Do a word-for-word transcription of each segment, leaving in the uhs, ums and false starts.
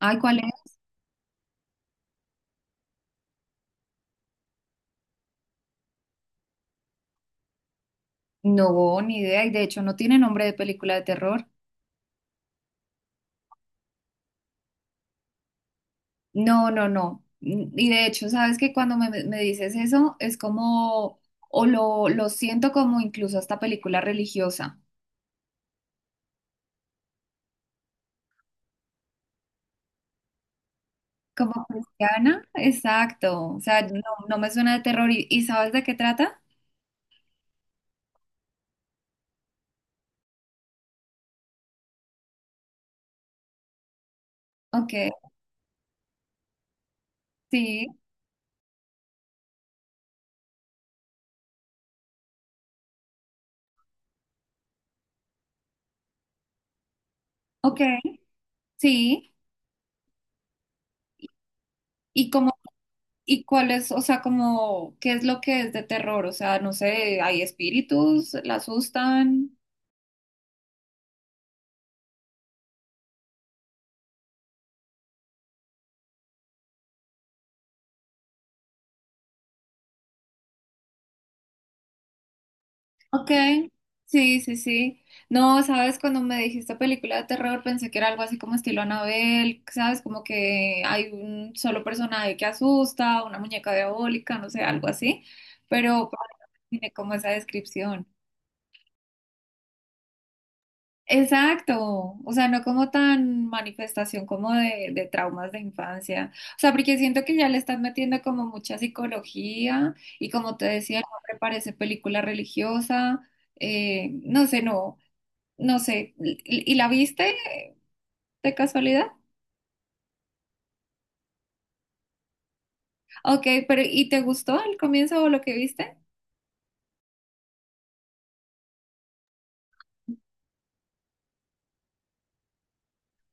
Ay, ¿cuál es? No, ni idea. Y de hecho no tiene nombre de película de terror. No, no, no. Mm, y de hecho, sabes que cuando me, me dices eso, es como, o lo, lo siento como incluso hasta película religiosa. Como cristiana, exacto. O sea, no, no me suena de terror. ¿Y, y sabes de qué trata? Ok, sí, ok, sí. ¿Y cómo, y cuál es, o sea, como, qué es lo que es de terror? O sea, no sé, hay espíritus, la asustan. Ok, sí, sí, sí. No, sabes, cuando me dijiste película de terror pensé que era algo así como estilo Anabel, sabes, como que hay un solo personaje que asusta, una muñeca diabólica, no sé, algo así, pero tiene como esa descripción. Exacto, o sea, no como tan manifestación como de, de traumas de infancia, o sea, porque siento que ya le estás metiendo como mucha psicología y como te decía, no me parece película religiosa, eh, no sé, no. No sé, ¿y y la viste de casualidad? Ok, pero ¿y te gustó el comienzo o lo que viste?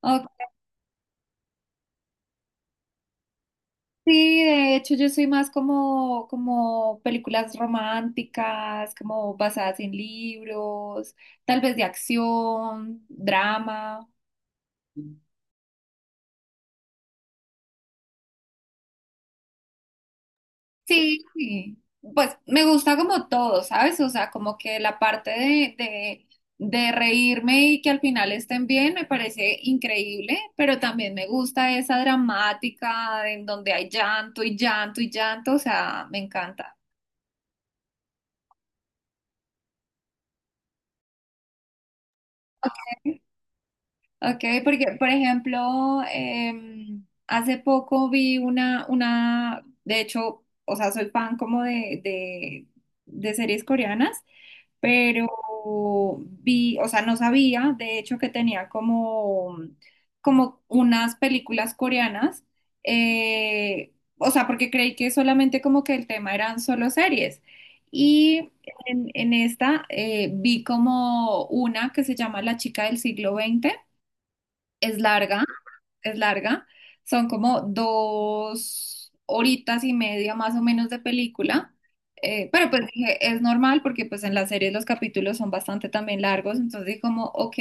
Ok, sí, de hecho yo soy más como, como películas románticas, como basadas en libros, tal vez de acción, drama. Sí, sí. Pues me gusta como todo, ¿sabes? O sea, como que la parte de, de, de reírme y que al final estén bien me parece increíble, pero también me gusta esa dramática en donde hay llanto y llanto y llanto, o sea, me encanta. Ok, porque por ejemplo, em, hace poco vi una, una, de hecho, o sea, soy fan como de, de de series coreanas. Pero vi, o sea, no sabía, de hecho, que tenía como, como unas películas coreanas, eh, o sea, porque creí que solamente como que el tema eran solo series. Y en, en esta eh, vi como una que se llama La chica del siglo veinte, es larga, es larga. Son como dos horitas y media más o menos de película. Eh, pero pues dije, es normal porque pues en las series los capítulos son bastante también largos. Entonces dije como, ok.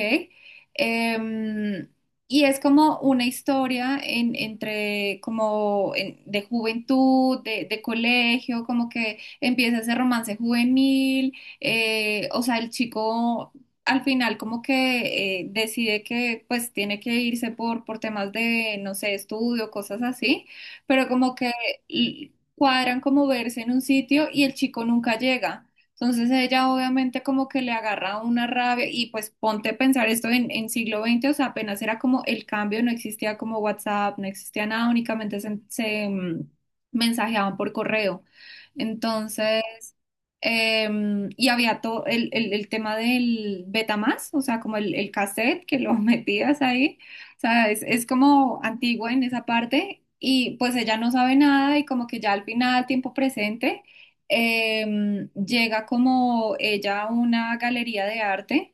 Em, y es como una historia en- entre como en- de juventud, de, de colegio, como que empieza ese romance juvenil. Eh, o sea, el chico al final como que eh, decide que pues tiene que irse por, por temas de, no sé, estudio, cosas así, pero como que l- cuadran como verse en un sitio y el chico nunca llega. Entonces ella obviamente como que le agarra una rabia y pues ponte a pensar esto en, en siglo veinte, o sea, apenas era como el cambio, no existía como WhatsApp, no existía nada, únicamente se, se, mm, mensajeaban por correo. Entonces… Em, y había todo el, el- el tema del Betamax, o sea, como el, el cassette que lo metías ahí. O sea, es, es como antigua en esa parte. Y pues ella no sabe nada y como que ya al final, tiempo presente, em, llega como ella a una galería de arte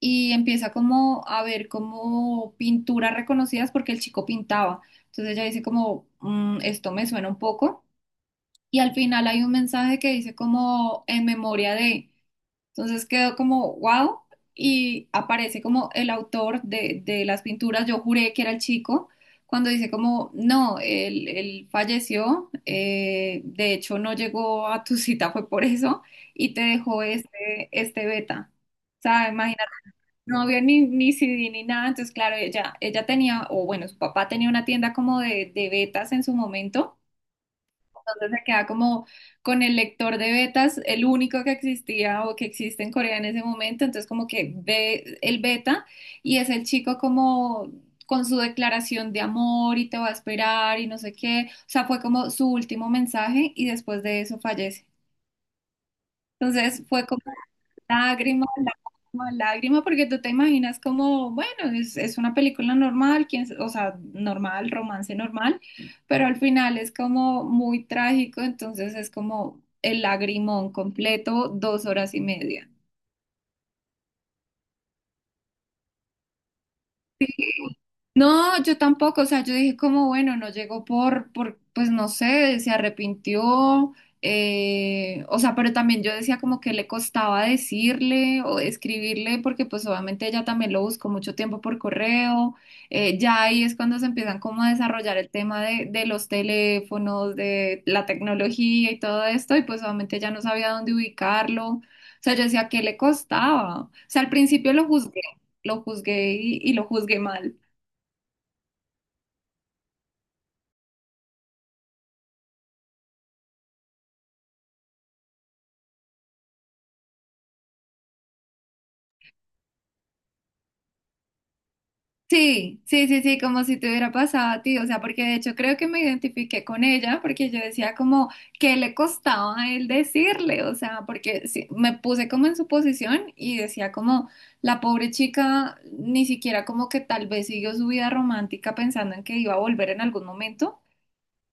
y empieza como a ver como pinturas reconocidas porque el chico pintaba. Entonces ella dice como, "Mm, esto me suena un poco", y al final hay un mensaje que dice como en memoria de. Entonces quedó como wow y aparece como el autor de, de las pinturas. Yo juré que era el chico cuando dice como no, él, él falleció, eh, de hecho no llegó a tu cita, fue por eso y te dejó este, este beta. O sea, imagínate, no había ni, ni C D ni nada, entonces claro, ella, ella tenía, o bueno, su papá tenía una tienda como de, de betas en su momento, entonces se queda como con el lector de betas, el único que existía o que existe en Corea en ese momento. Entonces como que ve el beta y es el chico como con su declaración de amor y te va a esperar y no sé qué. O sea, fue como su último mensaje y después de eso fallece. Entonces fue como lágrimas, lágrimas, lágrimas, porque tú te imaginas como, bueno, es, es una película normal, quién s- o sea, normal, romance normal, pero al final es como muy trágico, entonces es como el lagrimón completo, dos horas y media. No, yo tampoco, o sea, yo dije como, bueno, no llegó por, por, pues no sé, se arrepintió, eh, o sea, pero también yo decía como que le costaba decirle o escribirle, porque pues obviamente ella también lo buscó mucho tiempo por correo, eh, ya ahí es cuando se empiezan como a desarrollar el tema de, de los teléfonos, de la tecnología y todo esto, y pues obviamente ya no sabía dónde ubicarlo, o sea, yo decía, ¿que le costaba? O sea, al principio lo juzgué, lo juzgué y y lo juzgué mal. Sí, sí, sí, sí, como si te hubiera pasado a ti, o sea, porque de hecho creo que me identifiqué con ella, porque yo decía como que le costaba a él decirle, o sea, porque sí, me puse como en su posición y decía como la pobre chica ni siquiera como que tal vez siguió su vida romántica pensando en que iba a volver en algún momento,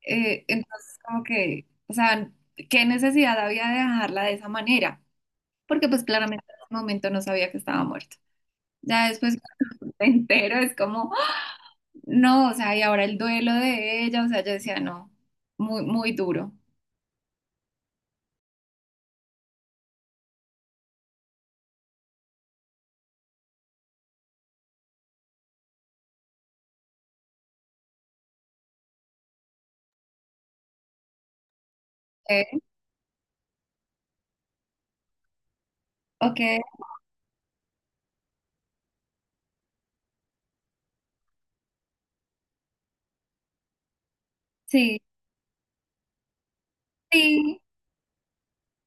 eh, entonces como que, o sea, qué necesidad había de dejarla de esa manera, porque pues claramente en ese momento no sabía que estaba muerto. Ya después cuando me entero es como… No, o sea, y ahora el duelo de ella, o sea, yo decía, no, muy, muy duro. Eh, ok, sí, sí,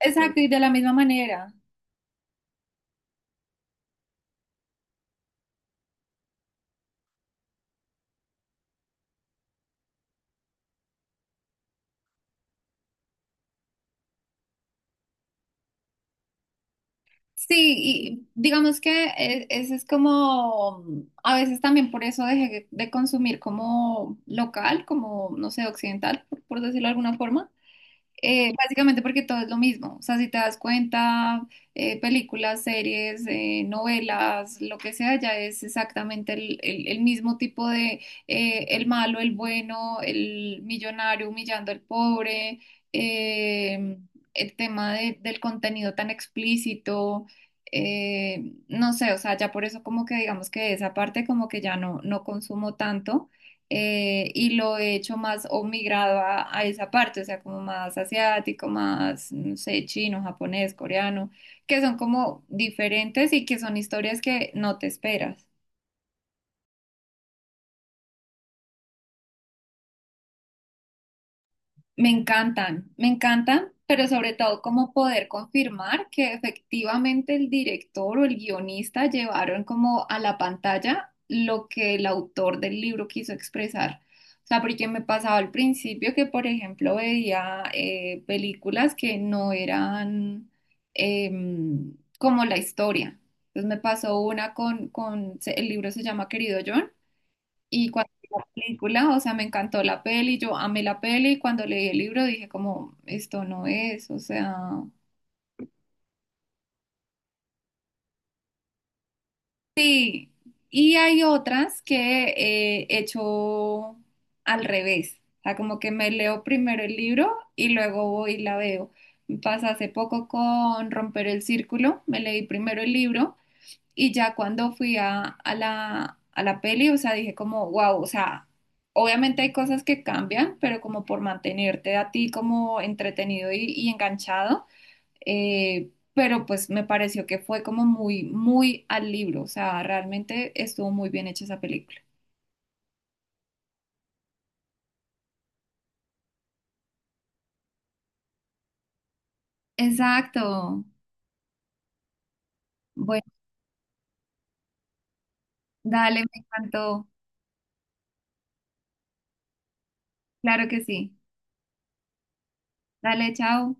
exacto, y de la misma manera. Sí, y digamos que eh, ese es como, a veces también por eso dejé de consumir como local, como, no sé, occidental, por, por decirlo de alguna forma. Eh, básicamente porque todo es lo mismo. O sea, si te das cuenta, eh, películas, series, eh, novelas, lo que sea, ya es exactamente el, el- el mismo tipo de eh, el malo, el bueno, el millonario humillando al pobre, eh, el tema de- del contenido tan explícito. Eh, no sé, o sea, ya por eso como que digamos que esa parte como que ya no, no consumo tanto, eh, y lo he hecho más o migrado a, a esa parte, o sea, como más asiático, más, no sé, chino, japonés, coreano, que son como diferentes y que son historias que no te esperas. Me encantan, me encantan, pero sobre todo como poder confirmar que efectivamente el director o el guionista llevaron como a la pantalla lo que el autor del libro quiso expresar. O sea, porque me pasaba al principio que, por ejemplo, veía eh, películas que no eran em, como la historia. Entonces me pasó una con, con, se- el libro se llama Querido John y cuando vi la película, o sea, me encantó la peli, yo amé la peli, y cuando leí el libro dije como, esto no es, o sea, sí. Y hay otras que eh, he hecho al revés, o sea, como que me leo primero el libro y luego voy y la veo. Me pasa hace poco con Romper el Círculo, me leí primero el libro, y ya cuando fui a, a la, a la peli, o sea, dije como, wow, o sea, obviamente hay cosas que cambian, pero como por mantenerte a ti como entretenido y, y enganchado, eh, pero pues me pareció que fue como muy, muy al libro, o sea, realmente estuvo muy bien hecha esa película. Exacto. Bueno, dale, me encantó. Claro que sí. Dale, chao.